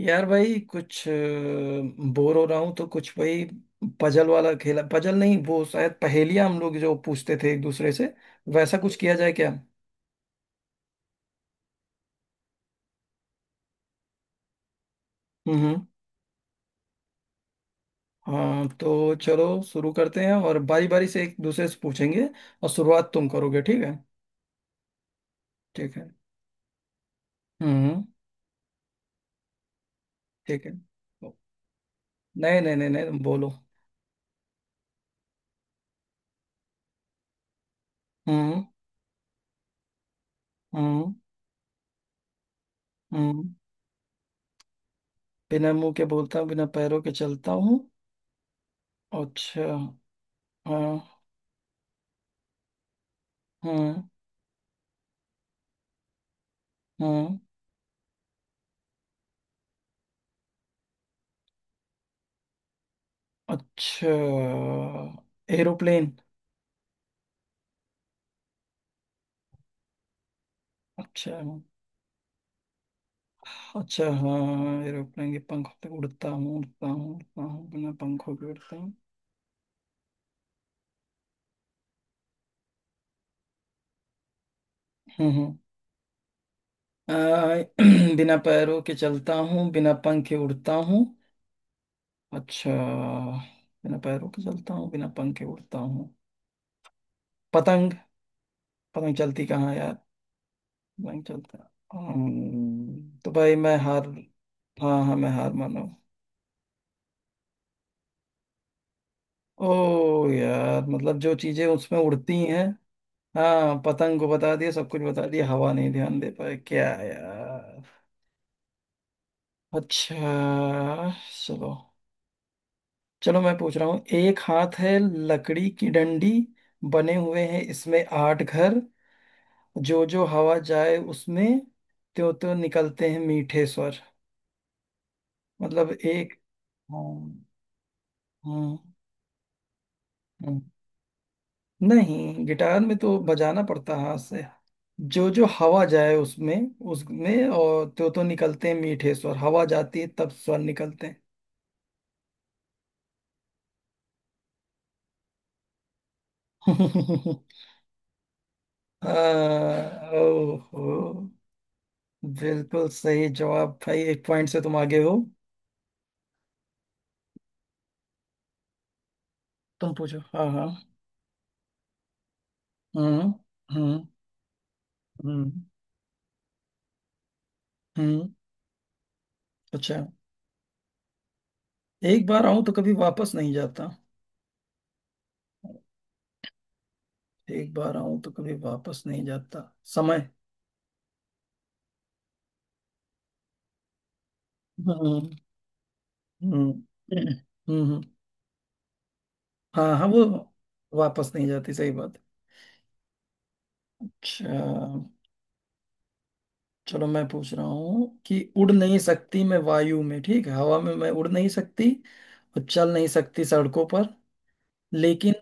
यार भाई, कुछ बोर हो रहा हूँ तो कुछ भाई पजल वाला खेला, पजल नहीं, वो शायद पहेलियाँ हम लोग जो पूछते थे एक दूसरे से, वैसा कुछ किया जाए क्या। हम्म। हाँ तो चलो शुरू करते हैं, और बारी बारी से एक दूसरे से पूछेंगे। और शुरुआत तुम करोगे, ठीक है। ठीक है। हम्म। ठीक है। नहीं, नहीं, नहीं, नहीं, तुम बोलो। हम्म। हम्म। हम्म। बिना मुंह के बोलता हूँ, बिना पैरों के चलता हूँ। अच्छा। हाँ। हम्म। हम्म। अच्छा, एरोप्लेन। अच्छा, अच्छा, हाँ, एरोप्लेन के पंख होते हैं, उड़ता हूँ, उड़ता हूँ, उड़ता हूँ, बिना पंखों के उड़ता हूँ। हम्म। हम्म। बिना पैरों के चलता हूँ, बिना पंख के उड़ता हूँ। अच्छा। बिना पैरों के चलता हूँ, बिना पंख के उड़ता हूँ। पतंग। पतंग चलती कहाँ है यार। पतंग चलता, तो भाई मैं हार। हाँ, हाँ, मैं हार मानो। ओ। यार मतलब जो चीजें उसमें उड़ती हैं। हाँ, पतंग को बता दिया, सब कुछ बता दिया, हवा नहीं, ध्यान दे पाए क्या यार। अच्छा। चलो, चलो मैं पूछ रहा हूँ। एक हाथ है लकड़ी की डंडी, बने हुए हैं इसमें आठ घर। जो जो हवा जाए उसमें त्यों त्यों निकलते हैं मीठे स्वर। मतलब एक। हाँ, हाँ, हाँ। नहीं, गिटार में तो बजाना पड़ता है हाथ से। जो जो हवा जाए उसमें, और तो निकलते हैं मीठे स्वर। हवा जाती है तब स्वर निकलते हैं। आ, ओहो। बिल्कुल सही जवाब भाई, एक पॉइंट से तुम आगे हो। तुम पूछो, हाँ, हाँ। हम्म। हम्म। हम्म। हम्म। अच्छा। एक बार आऊं तो कभी वापस नहीं जाता। एक बार आऊं तो कभी वापस नहीं जाता। समय। हम्म। हम्म। हम्म। हाँ, हाँ, वो वापस नहीं जाती, सही बात। अच्छा। चलो मैं पूछ रहा हूँ कि उड़ नहीं सकती मैं वायु में, ठीक है, हवा में मैं उड़ नहीं सकती। और चल नहीं सकती सड़कों पर। लेकिन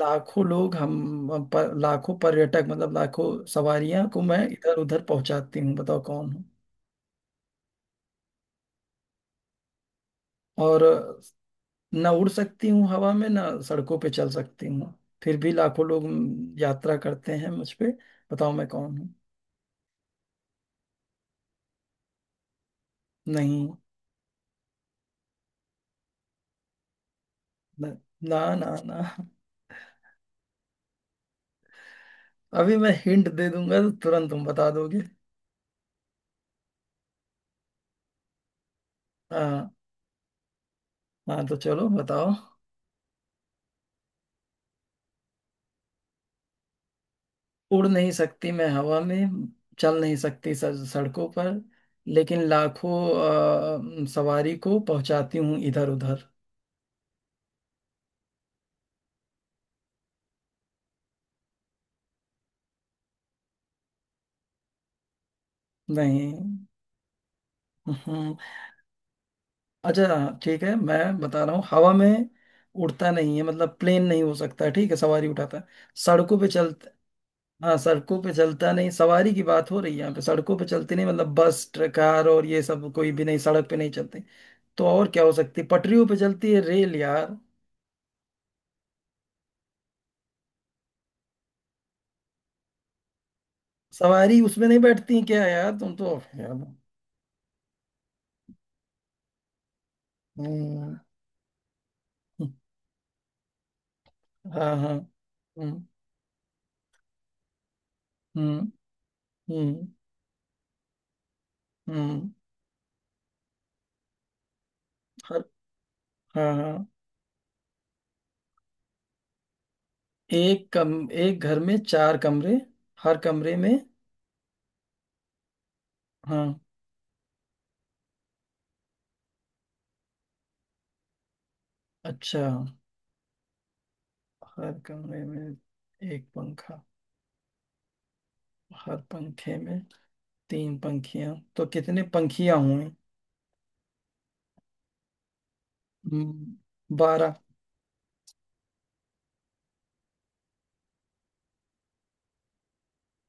लाखों लोग हम पर, लाखों पर्यटक मतलब लाखों सवारियां को मैं इधर उधर पहुंचाती हूँ, बताओ कौन हूँ। और ना उड़ सकती हूँ हवा में, ना सड़कों पे चल सकती हूँ। फिर भी लाखों लोग यात्रा करते हैं मुझ पे। बताओ मैं कौन हूँ। नहीं। ना, ना, ना, ना। अभी मैं हिंट दे दूंगा तो तुरंत तुम बता दोगे। हाँ, हाँ तो चलो बताओ। उड़ नहीं सकती मैं हवा में, चल नहीं सकती सड़कों पर। लेकिन लाखों सवारी को पहुंचाती हूँ इधर उधर। नहीं। हम्म, अच्छा ठीक है, मैं बता रहा हूँ हवा में उड़ता नहीं है, मतलब प्लेन नहीं हो सकता, ठीक है, सवारी उठाता है। सड़कों पे चल हाँ, सड़कों पे चलता नहीं, सवारी की बात हो रही है यहाँ पे, सड़कों पे चलते नहीं मतलब बस, ट्रक, कार और ये सब कोई भी नहीं सड़क पे नहीं चलते। तो और क्या हो सकती है, पटरियों पे चलती है रेल यार। सवारी उसमें नहीं बैठती क्या, यार तुम तो। यार। हम्म, हाँ, हाँ। हम्म। हम्म। हम्म। हम्म, हर, हाँ, हाँ। एक कम, एक घर में चार कमरे, हर कमरे में। हाँ। अच्छा। हर कमरे में एक पंखा, हर पंखे में तीन पंखियां, तो कितने पंखियां हुई। हम्म, 12।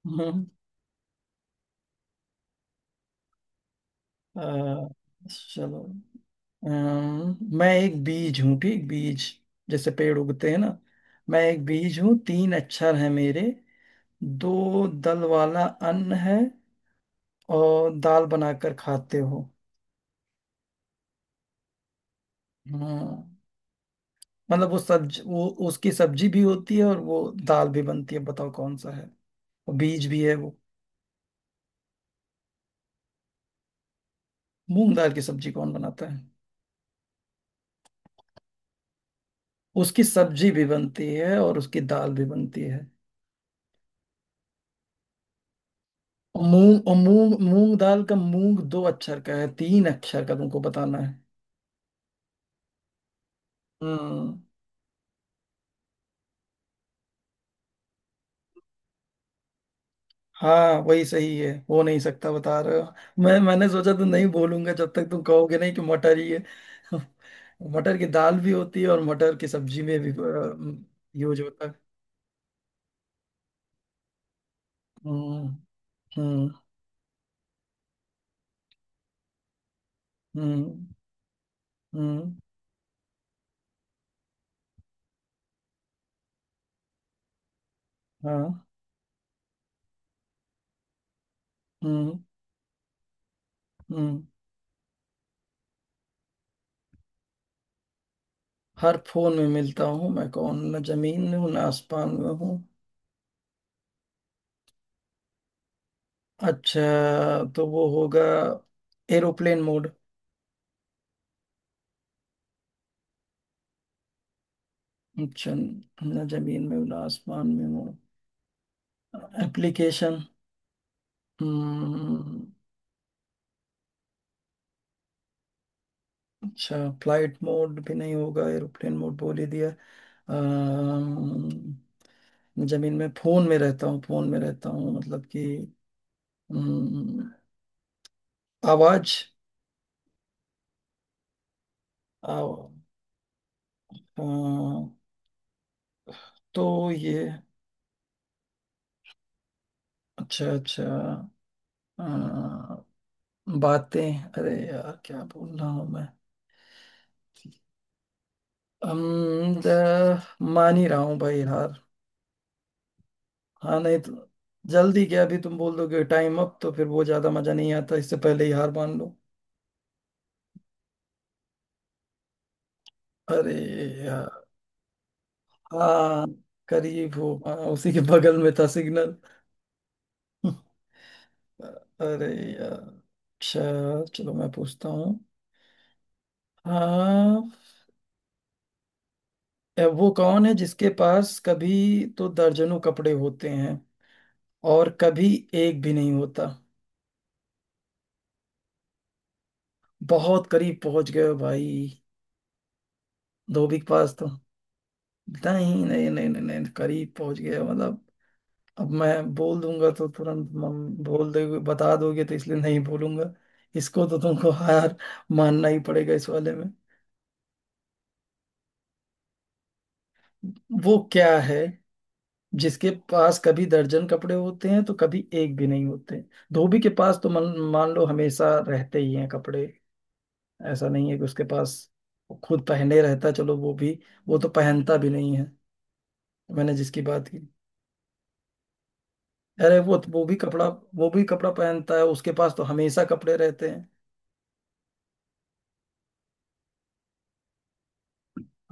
हम्म। अ, चलो। मैं एक बीज हूँ, ठीक, बीज। जैसे पेड़ उगते हैं ना। मैं एक बीज हूँ, तीन अक्षर है मेरे, दो दल वाला अन्न है और दाल बनाकर खाते हो। हाँ। मतलब वो उसकी सब्जी भी होती है, और वो दाल भी बनती है, बताओ कौन सा है। और बीज भी है वो। मूंग दाल की सब्जी कौन बनाता है। उसकी सब्जी भी बनती है और उसकी दाल भी बनती है। और मूंग मूंग दाल का मूंग दो अक्षर का है, तीन अक्षर का तुमको बताना है। हम्म। हाँ, वही सही है, हो नहीं सकता बता रहे हो। मैंने सोचा तो नहीं बोलूंगा जब तक तुम कहोगे नहीं कि मटर ही है। मटर की दाल भी होती है और मटर की सब्जी में भी यूज होता है। हम्म। हम्म। हम्म। हम्म। हाँ। हम्म। हम्म। हर फोन में मिलता हूँ मैं कौन, न जमीन में हूँ, ना आसमान में हूँ। अच्छा, तो वो होगा एरोप्लेन मोड। अच्छा, ना जमीन में हूँ, ना आसमान में हूँ। एप्लीकेशन। हम्म। अच्छा, फ्लाइट मोड भी नहीं होगा, एरोप्लेन मोड बोल ही दिया। अम्म, जमीन में, फोन में रहता हूँ, फोन में रहता हूँ, मतलब कि। हम्म, आवाज। आव, अ, तो ये। अच्छा, अच्छा, बातें, अरे यार क्या बोल रहा हूँ मैं। हम द- मान ही रहा हूँ भाई यार। हाँ, नहीं तो। जल्दी क्या, अभी तुम बोल दोगे टाइम अप तो फिर वो ज्यादा मजा नहीं आता, इससे पहले ही हार मान लो। अरे यार। हाँ, करीब हो, हाँ, उसी के बगल में था सिग्नल। अरे यार। अच्छा, चलो मैं पूछता हूँ। हाँ। ए, वो कौन है जिसके पास कभी तो दर्जनों कपड़े होते हैं, और कभी एक भी नहीं होता। बहुत करीब पहुंच गए हो भाई। धोबी के पास तो, नहीं, नहीं, नहीं, नहीं, नहीं, करीब पहुंच गए हो। मतलब, अब मैं बोल दूंगा तो तुरंत बोल दोगे, बता दोगे, तो इसलिए नहीं बोलूंगा। इसको तो तुमको हार मानना ही पड़ेगा इस वाले में। वो क्या है जिसके पास कभी दर्जन कपड़े होते हैं तो कभी एक भी नहीं होते। धोबी के पास तो मन मान लो हमेशा रहते ही हैं कपड़े। ऐसा नहीं है कि उसके पास खुद पहने रहता है, चलो वो भी। वो तो पहनता भी नहीं है, मैंने जिसकी बात की। अरे वो भी कपड़ा, वो भी कपड़ा पहनता है, उसके पास तो हमेशा कपड़े रहते हैं।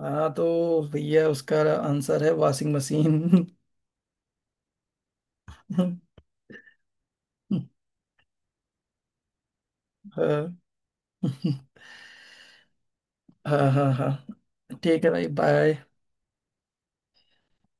हाँ तो भैया, उसका आंसर है वॉशिंग मशीन। हाँ, हाँ, हाँ, हाँ। ठीक है भाई, बाय।